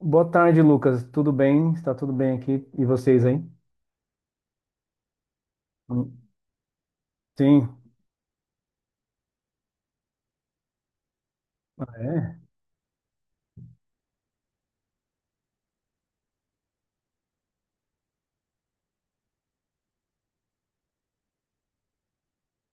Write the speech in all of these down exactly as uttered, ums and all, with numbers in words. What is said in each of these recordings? Boa tarde, Lucas. Tudo bem? Está tudo bem aqui? E vocês aí? Hum. Sim. Ah, é.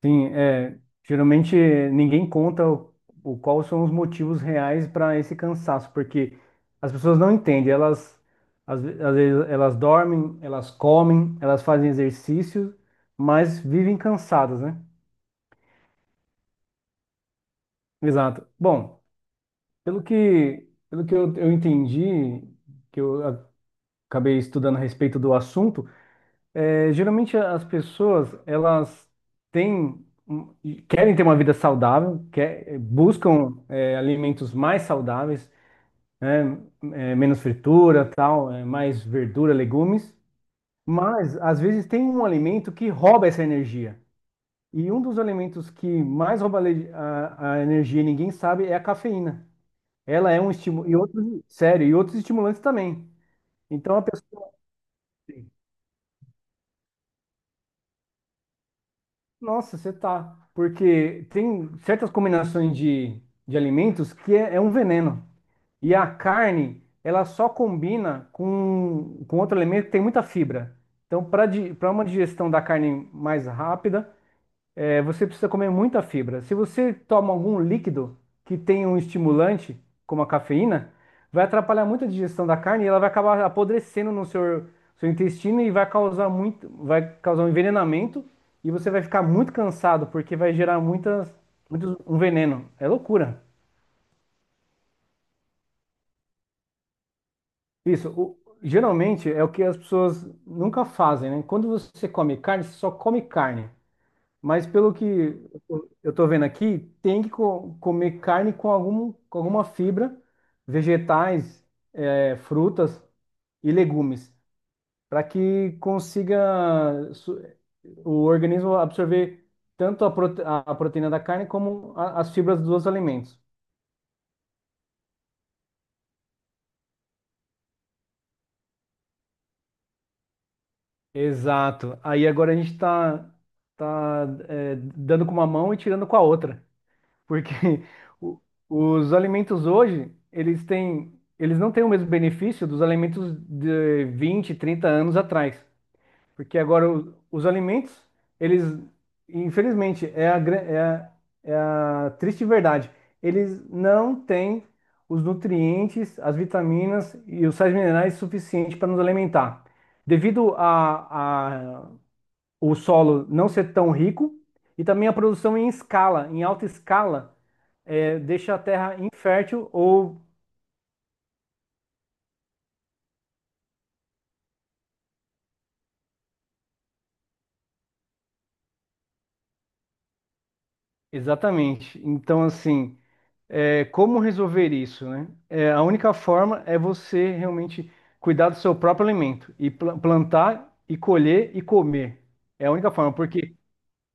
Sim, é. Geralmente ninguém conta o, o quais são os motivos reais para esse cansaço, porque as pessoas não entendem. Elas às, ve- às vezes elas dormem, elas comem, elas fazem exercício, mas vivem cansadas, né? Exato. Bom, pelo que pelo que eu, eu entendi, que eu acabei estudando a respeito do assunto. É, geralmente as pessoas elas têm um- querem ter uma vida saudável, quer, buscam é, alimentos mais saudáveis, né? É, menos fritura, tal, é, mais verdura, legumes, mas às vezes tem um alimento que rouba essa energia. E um dos alimentos que mais rouba a, le- a a energia, e ninguém sabe, é a cafeína. Ela é um estímulo e outros, sério, e outros estimulantes também. Então a pessoa. Nossa, você tá. Porque tem certas combinações de, de alimentos que é, é um veneno. E a carne, ela só combina com, com outro alimento que tem muita fibra. Então, para para uma digestão da carne mais rápida, é, você precisa comer muita fibra. Se você toma algum líquido que tem um estimulante, como a cafeína, vai atrapalhar muito a digestão da carne e ela vai acabar apodrecendo no seu, seu intestino e vai causar muito, vai causar um envenenamento e você vai ficar muito cansado porque vai gerar muitas, muitos, um veneno. É loucura. Isso, o- geralmente é o que as pessoas nunca fazem, né? Quando você come carne, você só come carne. Mas pelo que eu estou vendo aqui, tem que co- comer carne com algum, com alguma fibra, vegetais, eh, frutas e legumes, para que consiga su- o organismo absorver tanto a, prote- a- a proteína da carne como a- as fibras dos alimentos. Exato. Aí agora a gente está tá, tá, eh, dando com uma mão e tirando com a outra, porque o- os alimentos hoje, eles têm, eles não têm o mesmo benefício dos alimentos de vinte trinta anos atrás, porque agora o- os, alimentos, eles, infelizmente, é a, gran- é a, é a triste verdade, eles não têm os nutrientes, as vitaminas e os sais minerais suficientes para nos alimentar. Devido a, a o solo não ser tão rico e também a produção em escala, em alta escala, é, deixa a terra infértil ou. Exatamente. Então, assim, é, como resolver isso, né? É, a única forma é você realmente cuidar do seu próprio alimento e pla- plantar e colher e comer. É a única forma, porque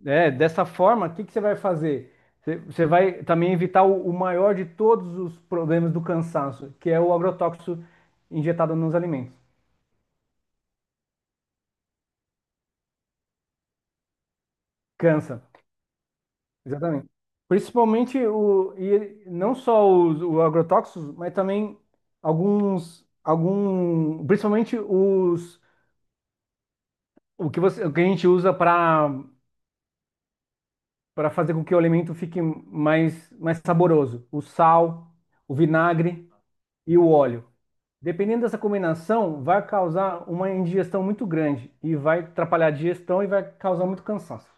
é, dessa forma, o que que você vai fazer? Você você vai também evitar o, o maior de todos os problemas do cansaço, que é o agrotóxico injetado nos alimentos. Cansa. Exatamente. Principalmente o, e ele- não só os, os agrotóxicos, mas também alguns, algum, principalmente os, o que você, o que a gente usa para para fazer com que o alimento fique mais, mais saboroso, o sal, o vinagre e o óleo. Dependendo dessa combinação, vai causar uma indigestão muito grande e vai atrapalhar a digestão e vai causar muito cansaço.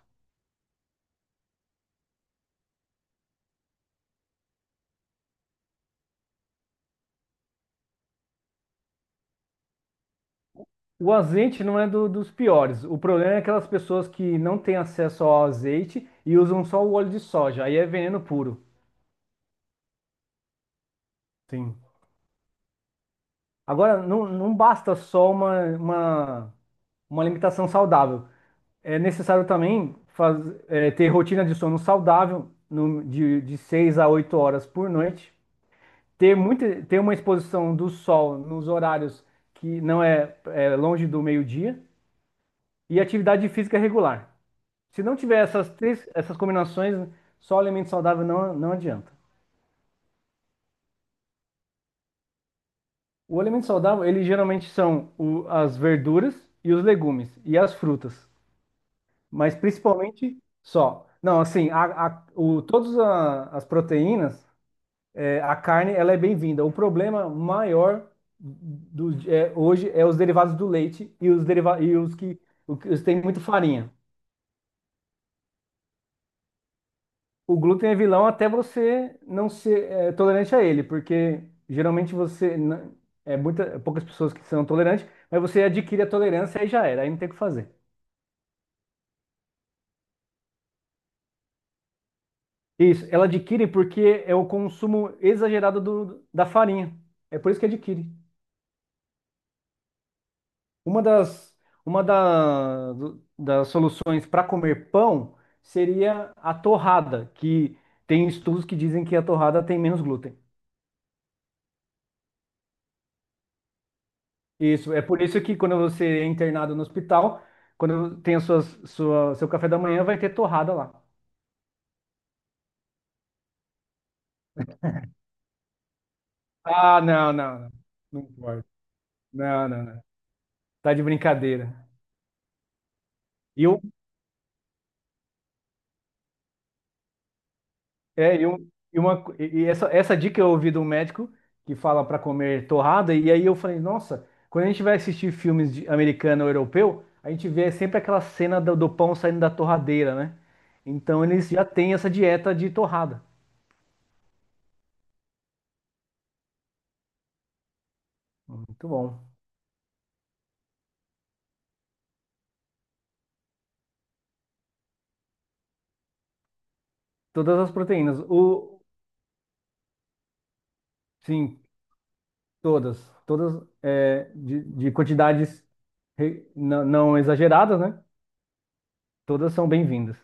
O azeite não é do- dos piores. O problema é aquelas pessoas que não têm acesso ao azeite e usam só o óleo de soja. Aí é veneno puro. Sim. Agora, não, não basta só uma, uma, uma alimentação saudável. É necessário também faz, é, ter rotina de sono saudável, no- de, de seis a oito horas por noite. Ter, muita, ter uma exposição do sol nos horários que não é é longe do meio-dia. E atividade física regular. Se não tiver essas três, essas combinações, só o alimento saudável não, não adianta. O alimento saudável, ele geralmente são o- as verduras e os legumes e as frutas, mas principalmente só. Não, assim, a, a, o, todas a- as proteínas, é, a carne, ela é bem-vinda. O problema maior do, é, hoje é os derivados do leite e os, deriva, e os que, o que- os que têm muito farinha. O glúten é vilão até você não ser é, tolerante a ele, porque geralmente você n- é muita, poucas pessoas que são tolerantes, mas você adquire a tolerância e já era, aí não tem o que fazer. Isso, ela adquire porque é o consumo exagerado do, da farinha. É por isso que adquire. Uma das, uma da- do- das soluções para comer pão seria a torrada, que tem estudos que dizem que a torrada tem menos glúten. Isso, é por isso que quando você é internado no hospital, quando tem a sua, sua, seu café da manhã, vai ter torrada lá. Ah, não, não, não. Não importa. Não, não, não. Tá de brincadeira. E, eu, é, e eu, e uma, co- e e essa, essa dica eu ouvi de um médico que fala para comer torrada, e aí eu falei, nossa, quando a gente vai assistir filmes de americano ou europeu, a gente vê sempre aquela cena do, do pão saindo da torradeira, né? Então eles já têm essa dieta de torrada. Muito bom. Todas as proteínas. O, sim, Todas, todas é, de, de quantidades re- não, não exageradas, né? Todas são bem-vindas.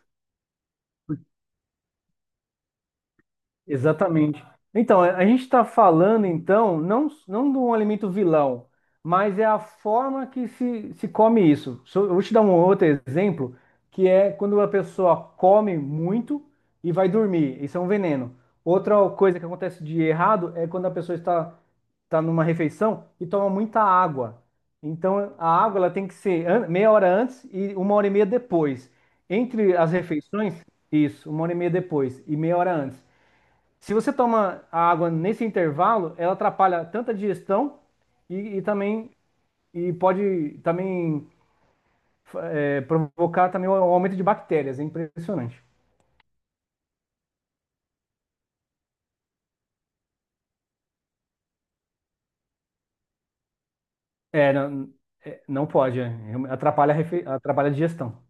Exatamente. Então, a a gente está falando, então, não, não de um alimento vilão, mas é a forma que se, se come isso. So- Eu vou te dar um outro exemplo, que é quando a pessoa come muito e vai dormir. Isso é um veneno. Outra coisa que acontece de errado é quando a pessoa está, está numa refeição e toma muita água. Então, a água ela tem que ser an- meia hora antes e uma hora e meia depois. Entre as refeições, isso, uma hora e meia depois e meia hora antes. Se você toma a água nesse intervalo, ela atrapalha tanto a digestão e, e também e pode também é, provocar também um aumento de bactérias. É impressionante. É, não, é, não pode, é, atrapalha, a refe- atrapalha a digestão.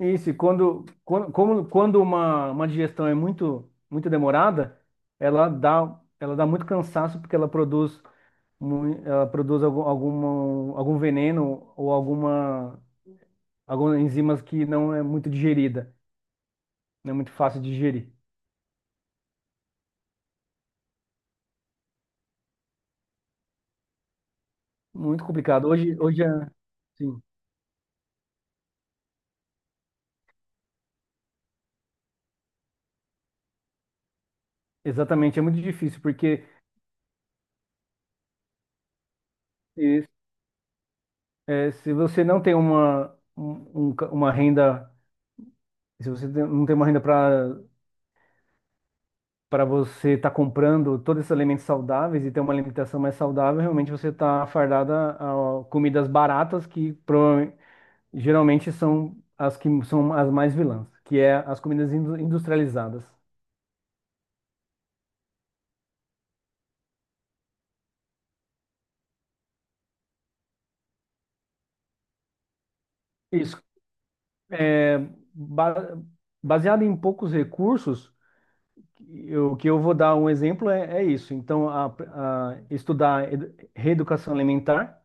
Isso, e quando, quando, como- quando uma, uma digestão é muito, muito demorada, ela dá, ela dá muito cansaço porque ela produz, mui- ela produz algum, alguma- algum veneno ou alguma algumas enzimas que não é muito digerida, não é muito fácil de digerir. Muito complicado. Hoje, hoje é, sim, exatamente, é muito difícil, porque eh, eh, se você não tem uma, um- um ca- uma renda, se você tem- não tem uma renda para para você estar comprando todos esses alimentos saudáveis e ter uma alimentação mais saudável, realmente você está fardada a comidas baratas que prova- geralmente são as que são as mais vilãs, que é as comidas indu- industrializadas. Isso, É, ba- baseado em poucos recursos, eu- o que eu vou dar um exemplo é, é isso. Então, a- a estudar edu- reeducação alimentar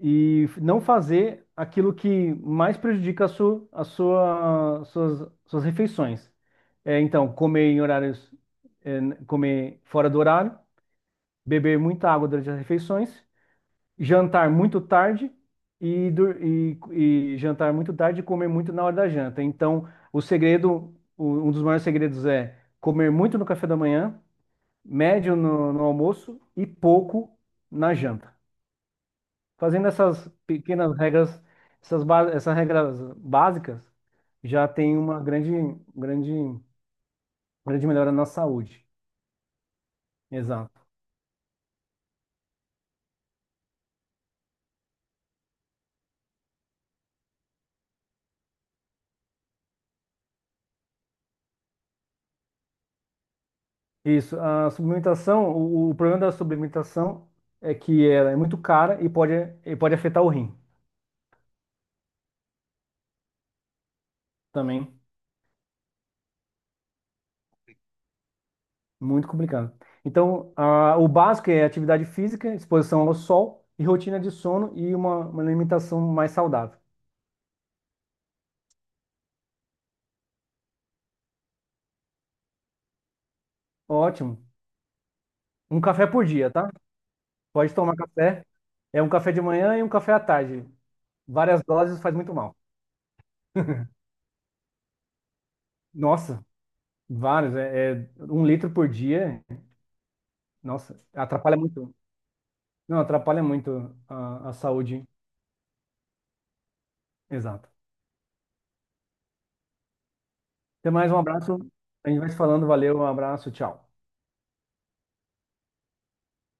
e f- não fazer aquilo que mais prejudica a sua, a sua- suas, suas refeições. É, então, comer em horários, é, n- comer fora do horário, beber muita água durante as refeições, jantar muito tarde e, dur- e- e jantar muito tarde e comer muito na hora da janta. Então, o segredo, o- um dos maiores segredos é comer muito no café da manhã, médio no, no almoço e pouco na janta. Fazendo essas pequenas regras, essas, ba- essas regras básicas, já tem uma grande, grande, grande melhora na saúde. Exato. Isso, a suplementação, o, o problema da suplementação é que ela é muito cara e pode, e pode, afetar o rim também, muito complicado. Então, a- o básico é atividade física, exposição ao sol e rotina de sono e uma, uma alimentação mais saudável. Ótimo. Um café por dia, tá? Pode tomar café. É um café de manhã e um café à tarde. Várias doses faz muito mal. Nossa, vários. É, é um litro por dia. Nossa, atrapalha muito. Não, atrapalha muito a, a saúde. Exato. Até mais, um abraço. A gente vai se falando. Valeu, um abraço, tchau.